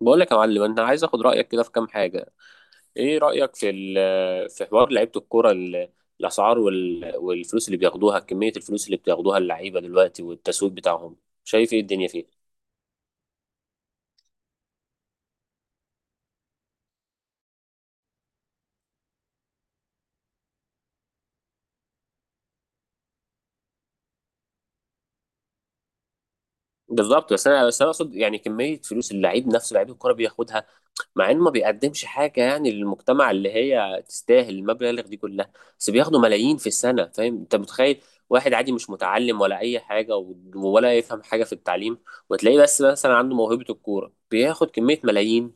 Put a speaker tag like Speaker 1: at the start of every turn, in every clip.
Speaker 1: بقول لك يا معلم، انا عايز اخد رايك كده في كام حاجه. ايه رايك في حوار لعيبه الكوره الاسعار والفلوس اللي بياخدوها، كميه الفلوس اللي بتاخدوها اللعيبه دلوقتي والتسويق بتاعهم؟ شايف ايه الدنيا فيه؟ بالظبط، بس انا اقصد يعني كميه فلوس اللعيب نفسه، لعيب الكوره بياخدها، مع انه ما بيقدمش حاجه يعني للمجتمع اللي هي تستاهل المبالغ دي كلها. بس بياخدوا ملايين في السنه، فاهم؟ انت متخيل واحد عادي مش متعلم ولا اي حاجه ولا يفهم حاجه في التعليم، وتلاقيه بس مثلا عنده موهبه الكوره بياخد كميه ملايين؟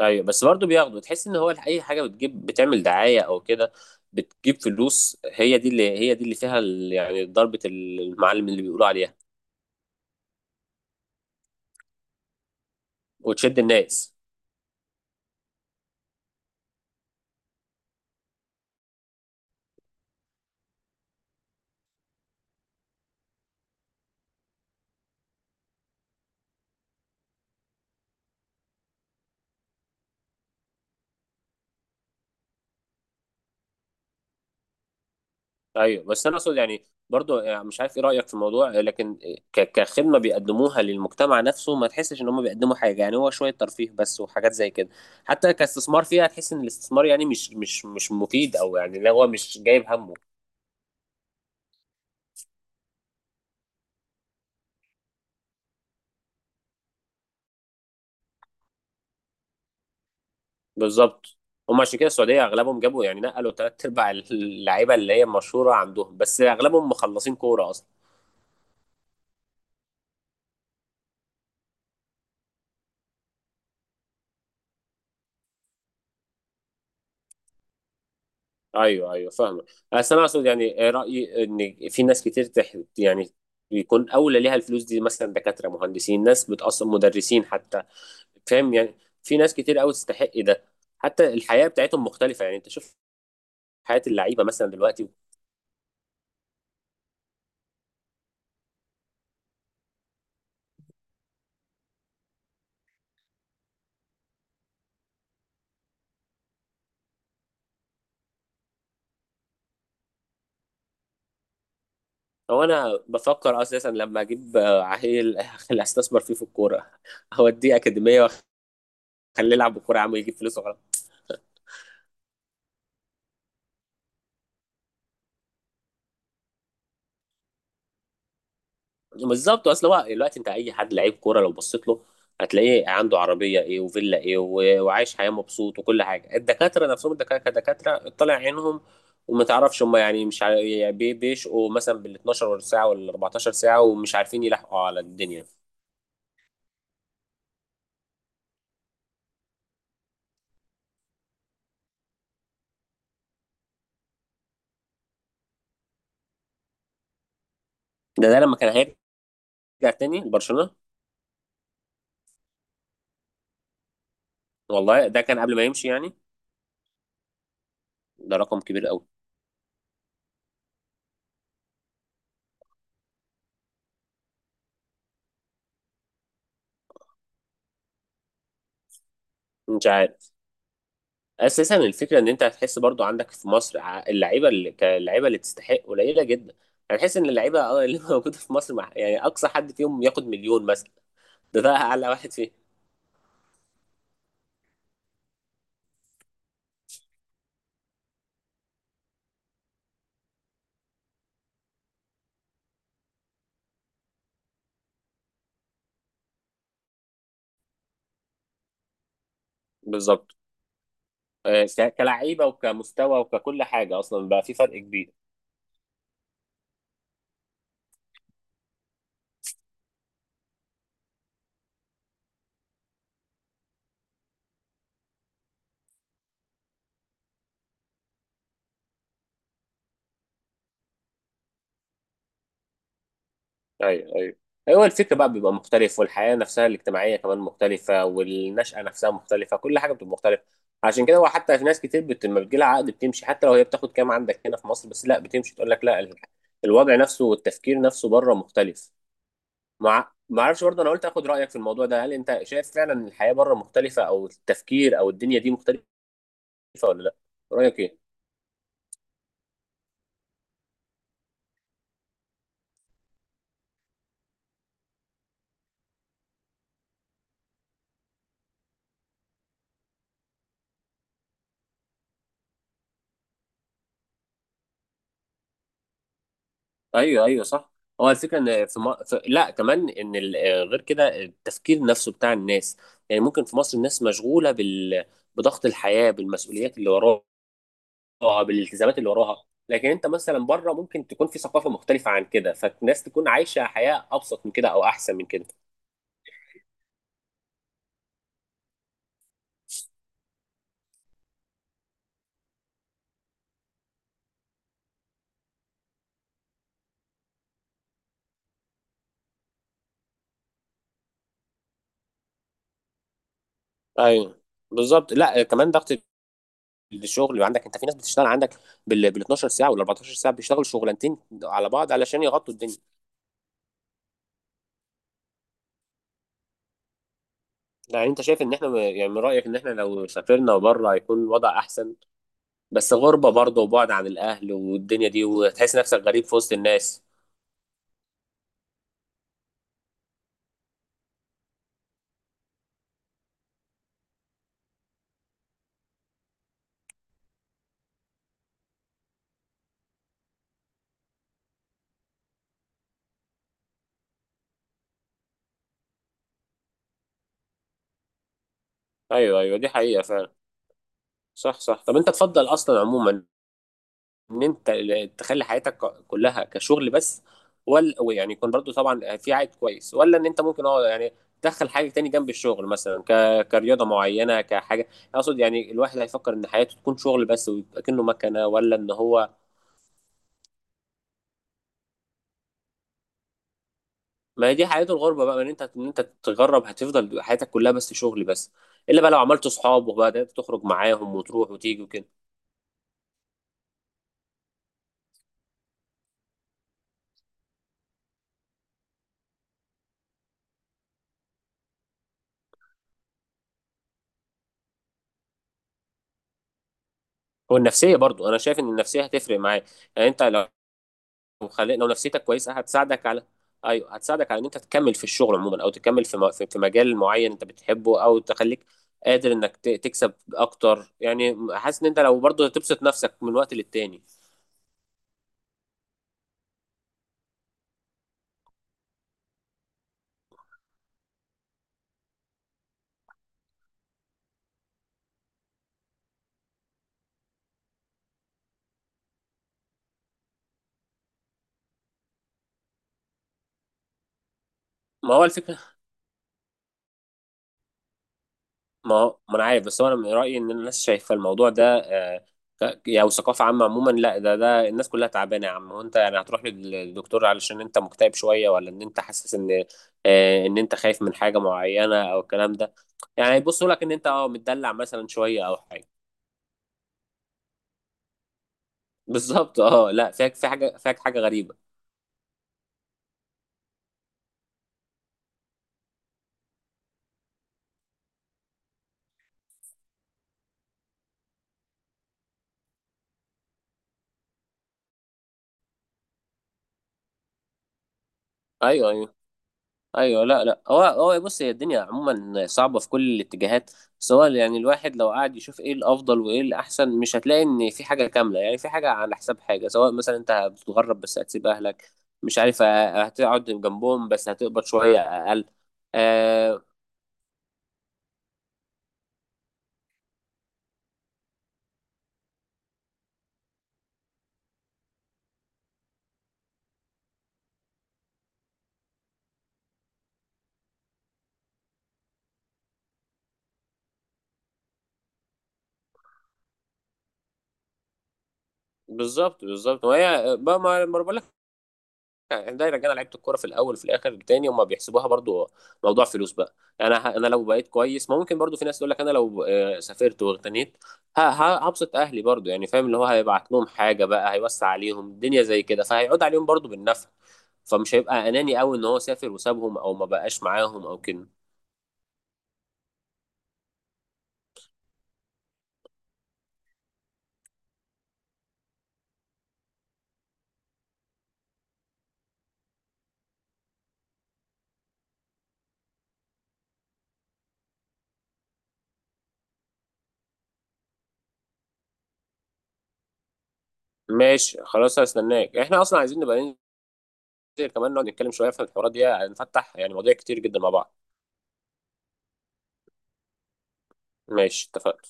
Speaker 1: ايوه، بس برضه بياخده. تحس ان هو اي حاجه بتجيب، بتعمل دعايه او كده، بتجيب فلوس. هي دي اللي فيها يعني ضربه المعلم اللي بيقولوا عليها وتشد الناس. ايوه بس انا اقصد يعني برضو، يعني مش عارف ايه رايك في الموضوع، لكن كخدمه بيقدموها للمجتمع نفسه، ما تحسش ان هم بيقدموا حاجه. يعني هو شويه ترفيه بس وحاجات زي كده. حتى كاستثمار فيها، تحس ان الاستثمار يعني مش مفيد. او يعني لا، هو مش جايب همه. بالظبط، هم عشان كده السعوديه اغلبهم جابوا، يعني نقلوا ثلاث ارباع اللعيبه اللي هي مشهوره عندهم، بس اغلبهم مخلصين كوره اصلا. ايوه ايوه فاهمه. بس انا اقصد يعني، رايي ان في ناس كتير يعني بيكون اولى ليها الفلوس دي، مثلا دكاتره، مهندسين، ناس بتاصلا، مدرسين حتى. فاهم يعني؟ في ناس كتير قوي تستحق ده. حتى الحياه بتاعتهم مختلفه. يعني انت شوف حياه اللعيبه مثلا دلوقتي. او انا بفكر اساسا لما اجيب عيل اللي استثمر فيه في الكوره، اوديه اكاديميه واخليه يلعب بالكوره يا عم يجيب فلوس. بالظبط. اصل هو دلوقتي انت اي حد لعيب كوره لو بصيت له، هتلاقيه عنده عربيه ايه، وفيلا ايه، وعايش حياه مبسوط وكل حاجه. الدكاتره نفسهم، الدكاتره كدكاتره طالع عينهم، وما تعرفش هم، يعني مش عارف- يعني بيشقوا مثلا بال 12 ساعه ولا 14 ساعه ومش عارفين يلحقوا على الدنيا. ده لما كان هيرجع تاني لبرشلونه. والله ده كان قبل ما يمشي يعني. ده رقم كبير قوي. مش عارف. اساسا الفكره ان انت هتحس برضو عندك في مصر اللعيبه اللي كلاعيبه اللي تستحق قليله جدا. هتحس ان اللعيبه اللي موجوده في مصر، مع يعني اقصى حد فيهم ياخد مليون مثلا. ده اعلى واحد فيه. بالظبط. كلاعيبه وكمستوى وككل حاجه اصلا بقى في فرق كبير. ايوه ايوه. هو الفكر بقى بيبقى مختلف، والحياه نفسها الاجتماعيه كمان مختلفه، والنشأة نفسها مختلفه، كل حاجه بتبقى مختلفه. عشان كده هو حتى في ناس كتير لما بتجيلها عقد بتمشي، حتى لو هي بتاخد كام عندك هنا في مصر، بس لا بتمشي تقول لك لا، الوضع نفسه والتفكير نفسه بره مختلف. مع ما اعرفش برضه، انا قلت اخد رايك في الموضوع ده، هل انت شايف فعلا إن الحياه بره مختلفه او التفكير او الدنيا دي مختلفه ولا لا؟ رايك ايه؟ ايوه ايوه صح. هو الفكره ان في, م... في لا كمان ان ال... آه، غير كده التفكير نفسه بتاع الناس. يعني ممكن في مصر الناس مشغوله بضغط الحياه، بالمسؤوليات اللي وراها، بالالتزامات اللي وراها، لكن انت مثلا بره ممكن تكون في ثقافه مختلفه عن كده، فالناس تكون عايشه حياه ابسط من كده او احسن من كده. ايوه بالظبط. لا كمان ضغط الشغل اللي عندك. انت في ناس بتشتغل عندك بال 12 ساعه وال 14 ساعه، بيشتغلوا شغلانتين على بعض علشان يغطوا الدنيا. يعني انت شايف ان احنا يعني من رأيك ان احنا لو سافرنا بره هيكون الوضع احسن؟ بس غربة برضه، وبعد عن الاهل والدنيا دي، وتحس نفسك غريب في وسط الناس. ايوه ايوه دي حقيقة فعلا. صح صح. طب انت تفضل اصلا عموما ان انت تخلي حياتك كلها كشغل بس، ولا يعني يكون برضه طبعا في عائد كويس، ولا ان انت ممكن اه يعني تدخل حاجة تاني جنب الشغل، مثلا كرياضة معينة، كحاجة؟ اقصد يعني الواحد هيفكر ان حياته تكون شغل بس ويبقى كأنه مكنة، ولا ان هو؟ ما هي دي حياة الغربة بقى، ان انت تتغرب، هتفضل حياتك كلها بس شغل بس، الا بقى لو عملت صحاب وبدأت تخرج معاهم وتروح وتيجي وكده. والنفسية برضو، انا شايف ان النفسية هتفرق معاك. يعني انت لو لو نفسيتك كويسة هتساعدك على، ايوه هتساعدك على ان انت تكمل في الشغل عموما، او تكمل في م... في في مجال معين انت بتحبه، او تخليك قادر انك تكسب اكتر. يعني حاسس ان انت لو برضو هتبسط نفسك من وقت للتاني. ما هو الفكرة، ما هو ما انا عارف، بس هو انا من رايي ان الناس شايفه الموضوع ده يعني ثقافه عامه عموما. لا، ده الناس كلها تعبانه يا عم. هو انت يعني هتروح للدكتور علشان انت مكتئب شويه، ولا ان انت حاسس ان ان انت خايف من حاجه معينه او الكلام ده؟ يعني يبصوا لك ان انت متدلع مثلا شويه او حاجه. بالظبط. اه لا، فيك في حاجه، فيك حاجه غريبه. ايوه ايوه. ايوه لا لا. هو، هو بص، هي الدنيا عموما صعبه في كل الاتجاهات، بس هو يعني الواحد لو قعد يشوف ايه الافضل وايه الاحسن، مش هتلاقي ان في حاجه كامله. يعني في حاجه على حساب حاجه، سواء مثلا انت بتتغرب بس هتسيب اهلك، مش عارف، هتقعد جنبهم بس هتقبض شويه اقل. آه بالظبط بالظبط. وهي بقى، ما بقول يعني دايرة كده، لعيبة الكورة في الأول في الآخر تاني هما بيحسبوها برضو موضوع فلوس بقى. يعني أنا لو بقيت كويس، ما ممكن برضو في ناس تقول لك أنا لو سافرت واغتنيت هبسط أهلي برضو، يعني فاهم؟ اللي هو هيبعت لهم حاجة بقى، هيوسع عليهم الدنيا زي كده، فهيعود عليهم برضو بالنفع. فمش هيبقى أناني أوي إن هو سافر وسابهم أو ما بقاش معاهم أو كده. ماشي خلاص، هستناك. إحنا أصلا عايزين نبقى ننزل كمان نقعد نتكلم شوية في الحوارات دي، هنفتح يعني مواضيع كتير جدا مع بعض. ماشي اتفقنا.